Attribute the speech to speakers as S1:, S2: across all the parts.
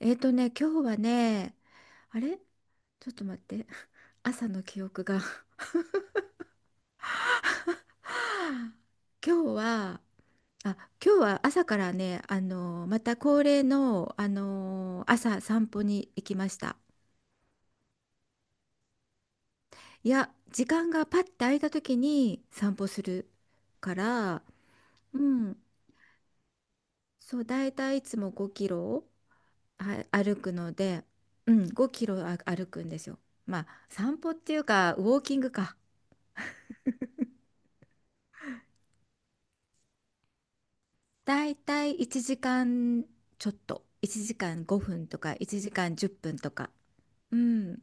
S1: 今日はね、あれ、ちょっと待って。朝の記憶が。 今日は、あ、今日は朝からね、また恒例の、朝散歩に行きました。いや、時間がパッて空いた時に散歩するから、うん、そう、だいたいいつも5キロは歩くので、うん、5キロ歩くんですよ。まあ、散歩っていうか、ウォーキングか。だいたい1時間ちょっと、1時間5分とか1時間10分とか。うん。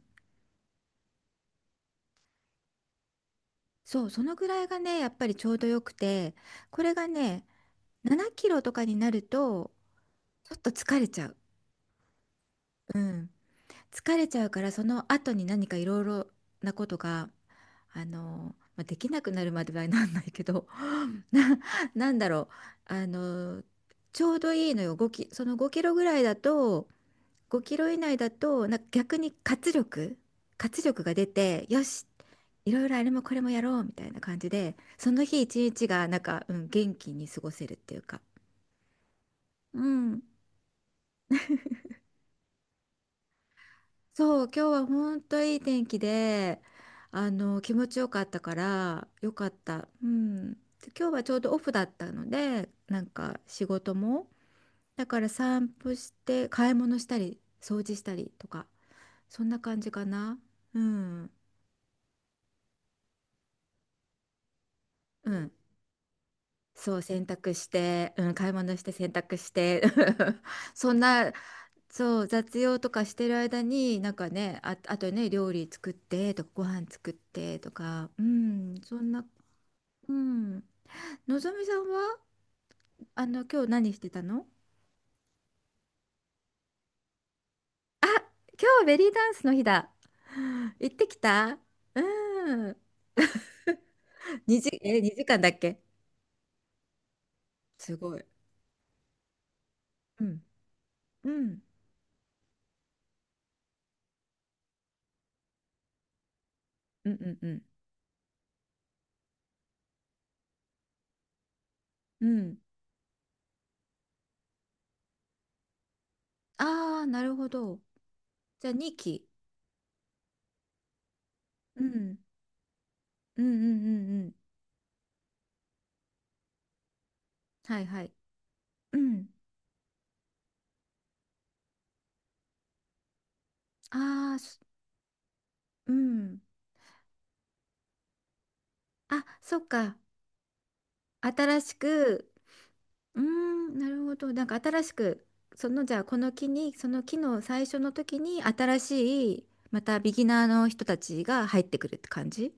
S1: そう、そのぐらいがね、やっぱりちょうどよくて、これがね、7キロとかになると、ちょっと疲れちゃう。うん。疲れちゃうから、その後に何かいろいろなことが、まあ、できなくなるまではなんないけど、な、なんだろう。ちょうどいいのよ。5キ、その5キロぐらいだと、5キロ以内だとなんか逆に活力が出てよし、いろいろあれもこれもやろうみたいな感じで、その日一日がなんか、うん、元気に過ごせるっていうか、うん、そう、今日は本当いい天気で、気持ちよかったからよかった、うん、で、今日はちょうどオフだったので、なんか仕事も、だから散歩して買い物したり掃除したりとか、そんな感じかな。うん。うん、そう、洗濯して、うん、買い物して洗濯して そんな、そう、雑用とかしてる間に、なんかね、あ、あとね、料理作ってとか、ご飯作ってとか、うん、そんな、うん。のぞみさんは、今日何してたの？あ、今日ベリーダンスの日だ。行ってきた？うん。2時、2時間だっけ？すごい。うん。うん。うんうんうん。うん。ああ、なるほど。じゃあ2期。うん。うんうんうんうん。はいはい。うん。ああ、す。うん。あ、そっか。新しく、うーん、なるほど。なんか新しく、そのじゃあこの木に、その木の最初の時に新しい、またビギナーの人たちが入ってくるって感じ？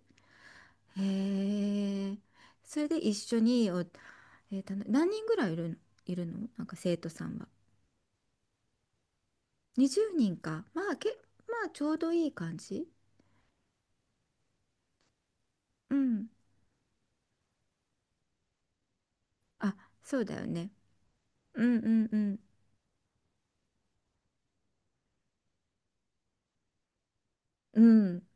S1: へえ。それで一緒にお、何人ぐらいいるのなんか、生徒さんは？20人か。まあ、け、まあちょうどいい感じ。うん。あ、そうだよね。うんうんうんうん、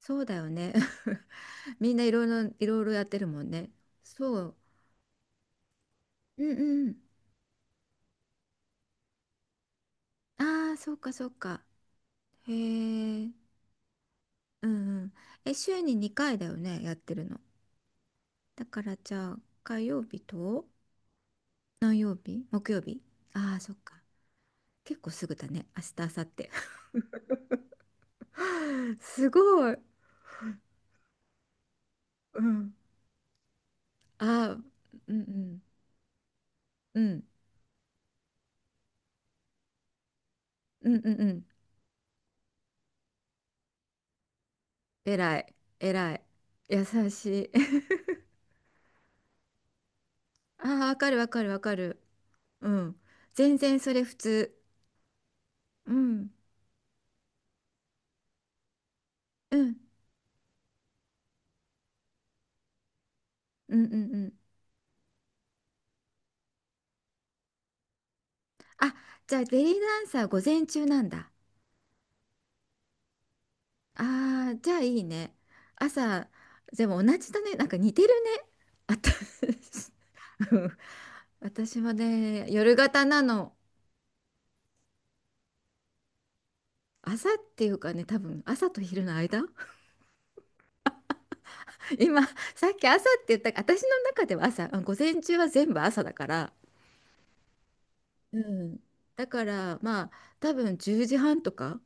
S1: そうだよね。みんないろいろ、いろいろやってるもんね。そう。うんうん。ああ、そうかそうか。へえ。うんうん。え、週に2回だよね、やってるの？だからじゃあ、火曜日と何曜日？木曜日？ああー、そっか。結構すぐだね。明日、明後日。すごい。うん。ああ、うんうん。うん。うんうんうん。偉い。偉い。優しい。ああ、わかるわかるわかる。うん。全然それ普通。うん。うん。うんうんうん。あ、じゃあベリーダンサー午前中なんだ。ああ、じゃあいいね。朝、でも同じだね。なんか似てるね。あた うん、私もね、夜型なの。朝っていうかね、多分朝と昼の間。今、さっき朝って言った、私の中では朝、あ、午前中は全部朝だから。うん。だから、まあ、多分10時半とか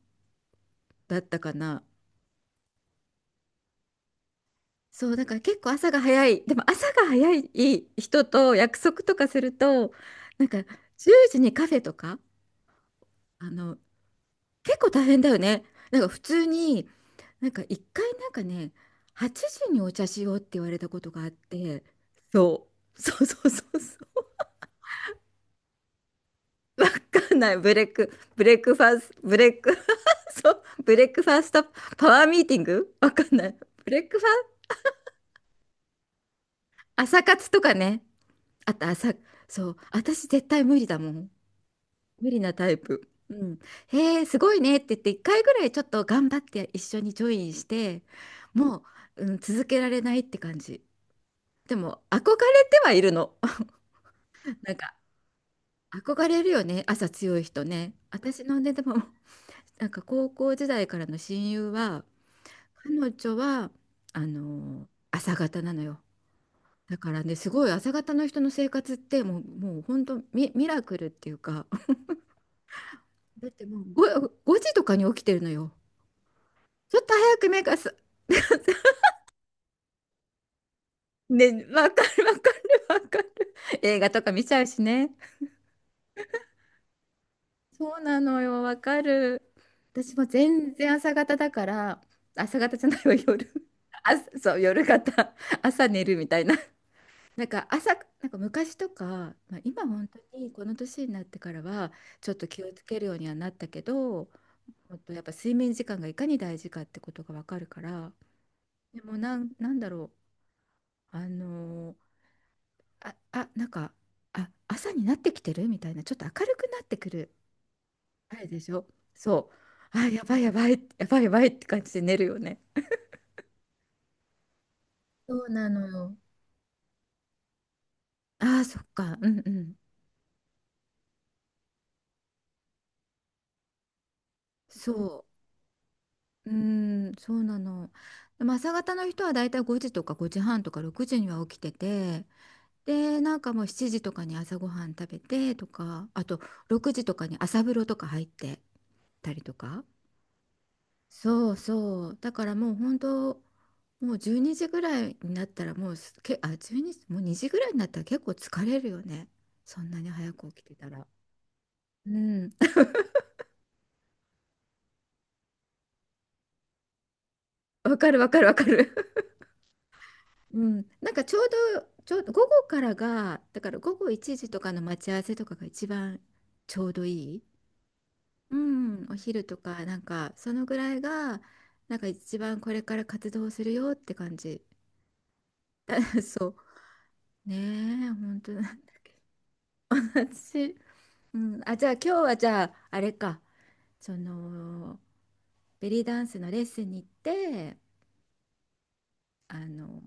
S1: だったかな。そう、だから結構朝が早い。でも朝が早い人と約束とかすると、なんか10時にカフェとか、あの、結構大変だよね。なんか普通に、なんか一回なんかね、8時にお茶しようって言われたことがあって、そう、そうそうそうそう。わかんない。ブレックファースト、ブレック、そう、ブレックファーストパワーミーティング、わかんない。ブレックファー、朝活とかね。あと朝、そう、私絶対無理だもん。無理なタイプ。うん。へえ、すごいねって言って、1回ぐらいちょっと頑張って一緒にジョインして、もう、うん、続けられないって感じ。でも、憧れてはいるの。なんか、憧れるよね、朝強い人ね。私のね、でも、なんか高校時代からの親友は、彼女は、朝方なのよ。だからね、すごい朝方の人の生活ってもう、もう本当ミラクルっていうか、だってもう 5、 5時とかに起きてるのよ。ちょっと早く目がす、ね、わかるわかるわかる。映画とか見ちゃうしね。そうなのよ、わかる。私も全然朝方だから、朝方じゃないわ、夜。あ、そう、夜型。朝寝るみたいな。なんか朝、なんか昔とか、まあ、今本当にこの年になってからは、ちょっと気をつけるようにはなったけど、もっとやっぱ睡眠時間がいかに大事かってことがわかるから、でもなんだろう。あのーあ、あ、なんか、あ、朝になってきてるみたいな、ちょっと明るくなってくる。あれでしょ？そう。あ、やばいやばい、やばいやばいって感じで寝るよね。そうなのよ。ああ、そっか。うんうん。そう。うーん、そうなの。でも朝方の人はだいたい5時とか5時半とか6時には起きてて、で、なんかもう7時とかに朝ごはん食べてとか、あと6時とかに朝風呂とか入ってたりとか。そうそう。だからもう本当、もう12時ぐらいになったらもうす、け、12、もう2時ぐらいになったら結構疲れるよね。そんなに早く起きてたら。うん。わかるわかるわかる。うん。なんかちょうど午後からが、だから午後1時とかの待ち合わせとかが一番ちょうどいい。うん。お昼とか、なんかそのぐらいが、なんか一番これから活動するよって感じ。そう。ねえ、本当なんだっけ。私、うん、あ、じゃあ今日はじゃああれか、そのベリーダンスのレッスンに行って、あの、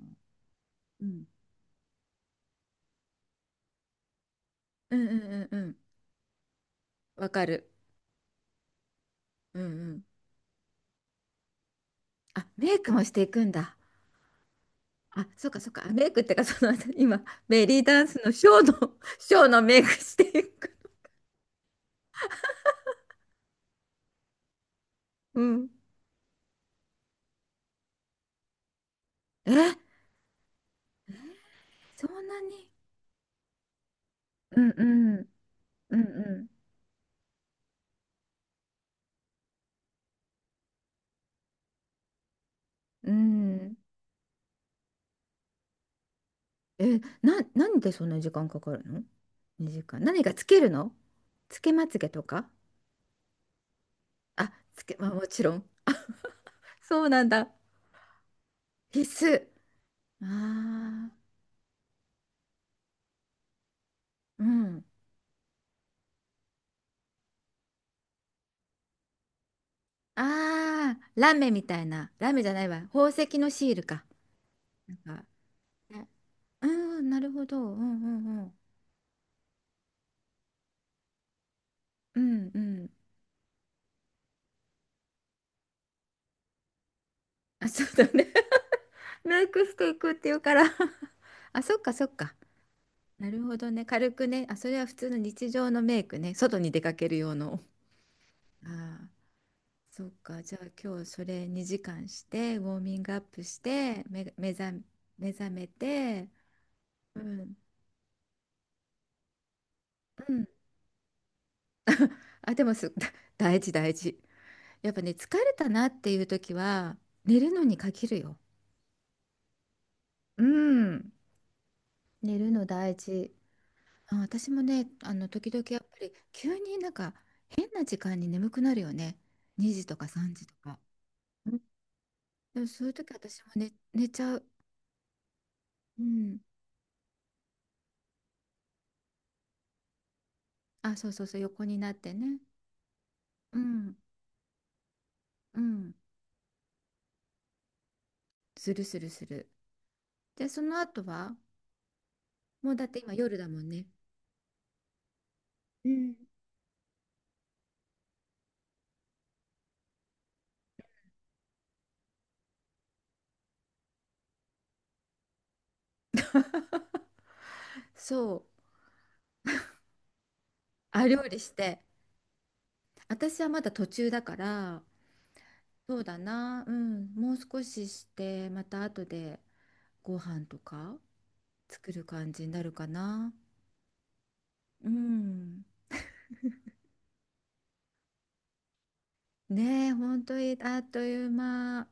S1: うん、うんうんうんうん、わかる。うんうん。あ、メイクもしていくんだ。あ、そうかそうか。メイクってかその今ベリーダンスのショーの ショーのメイクしていく。うん。え、そんなに。うんうんうんうん。うん。え、なんでそんな時間かかるの？2時間。何がつけるの？つけまつげとか？あ、つけ、まあもちろん。そうなんだ。必須。ああ、うん。ああ、ラメみたいな。ラメじゃないわ。宝石のシールか。なんか、ね、うん、なるほど。うんうんうん。うんうん。あ、そうだね。メイクしていくっていうから あ、そっかそっか。なるほどね。軽くね。あ、それは普通の日常のメイクね。外に出かける用の。あー、そっか、じゃあ今日それ2時間して、ウォーミングアップして、目覚めて、うん、うん。あ、でもす、大事大事。やっぱね、疲れたなっていう時は、寝るのに限るよ。うん。寝るの大事。あ、私もね、時々やっぱり、急になんか、変な時間に眠くなるよね。2時とか3時とか。うん、でもそういう時私も寝ちゃう。うん。あ、そうそうそう、横になってね。うん、うん。するするする。で、その後は、もうだって今夜だもんね。うん。そう、あ、料理して。私はまだ途中だから、そうだな、うん、もう少しして、また後でご飯とか作る感じになるかな。うん。ねえ、本当にあっという間。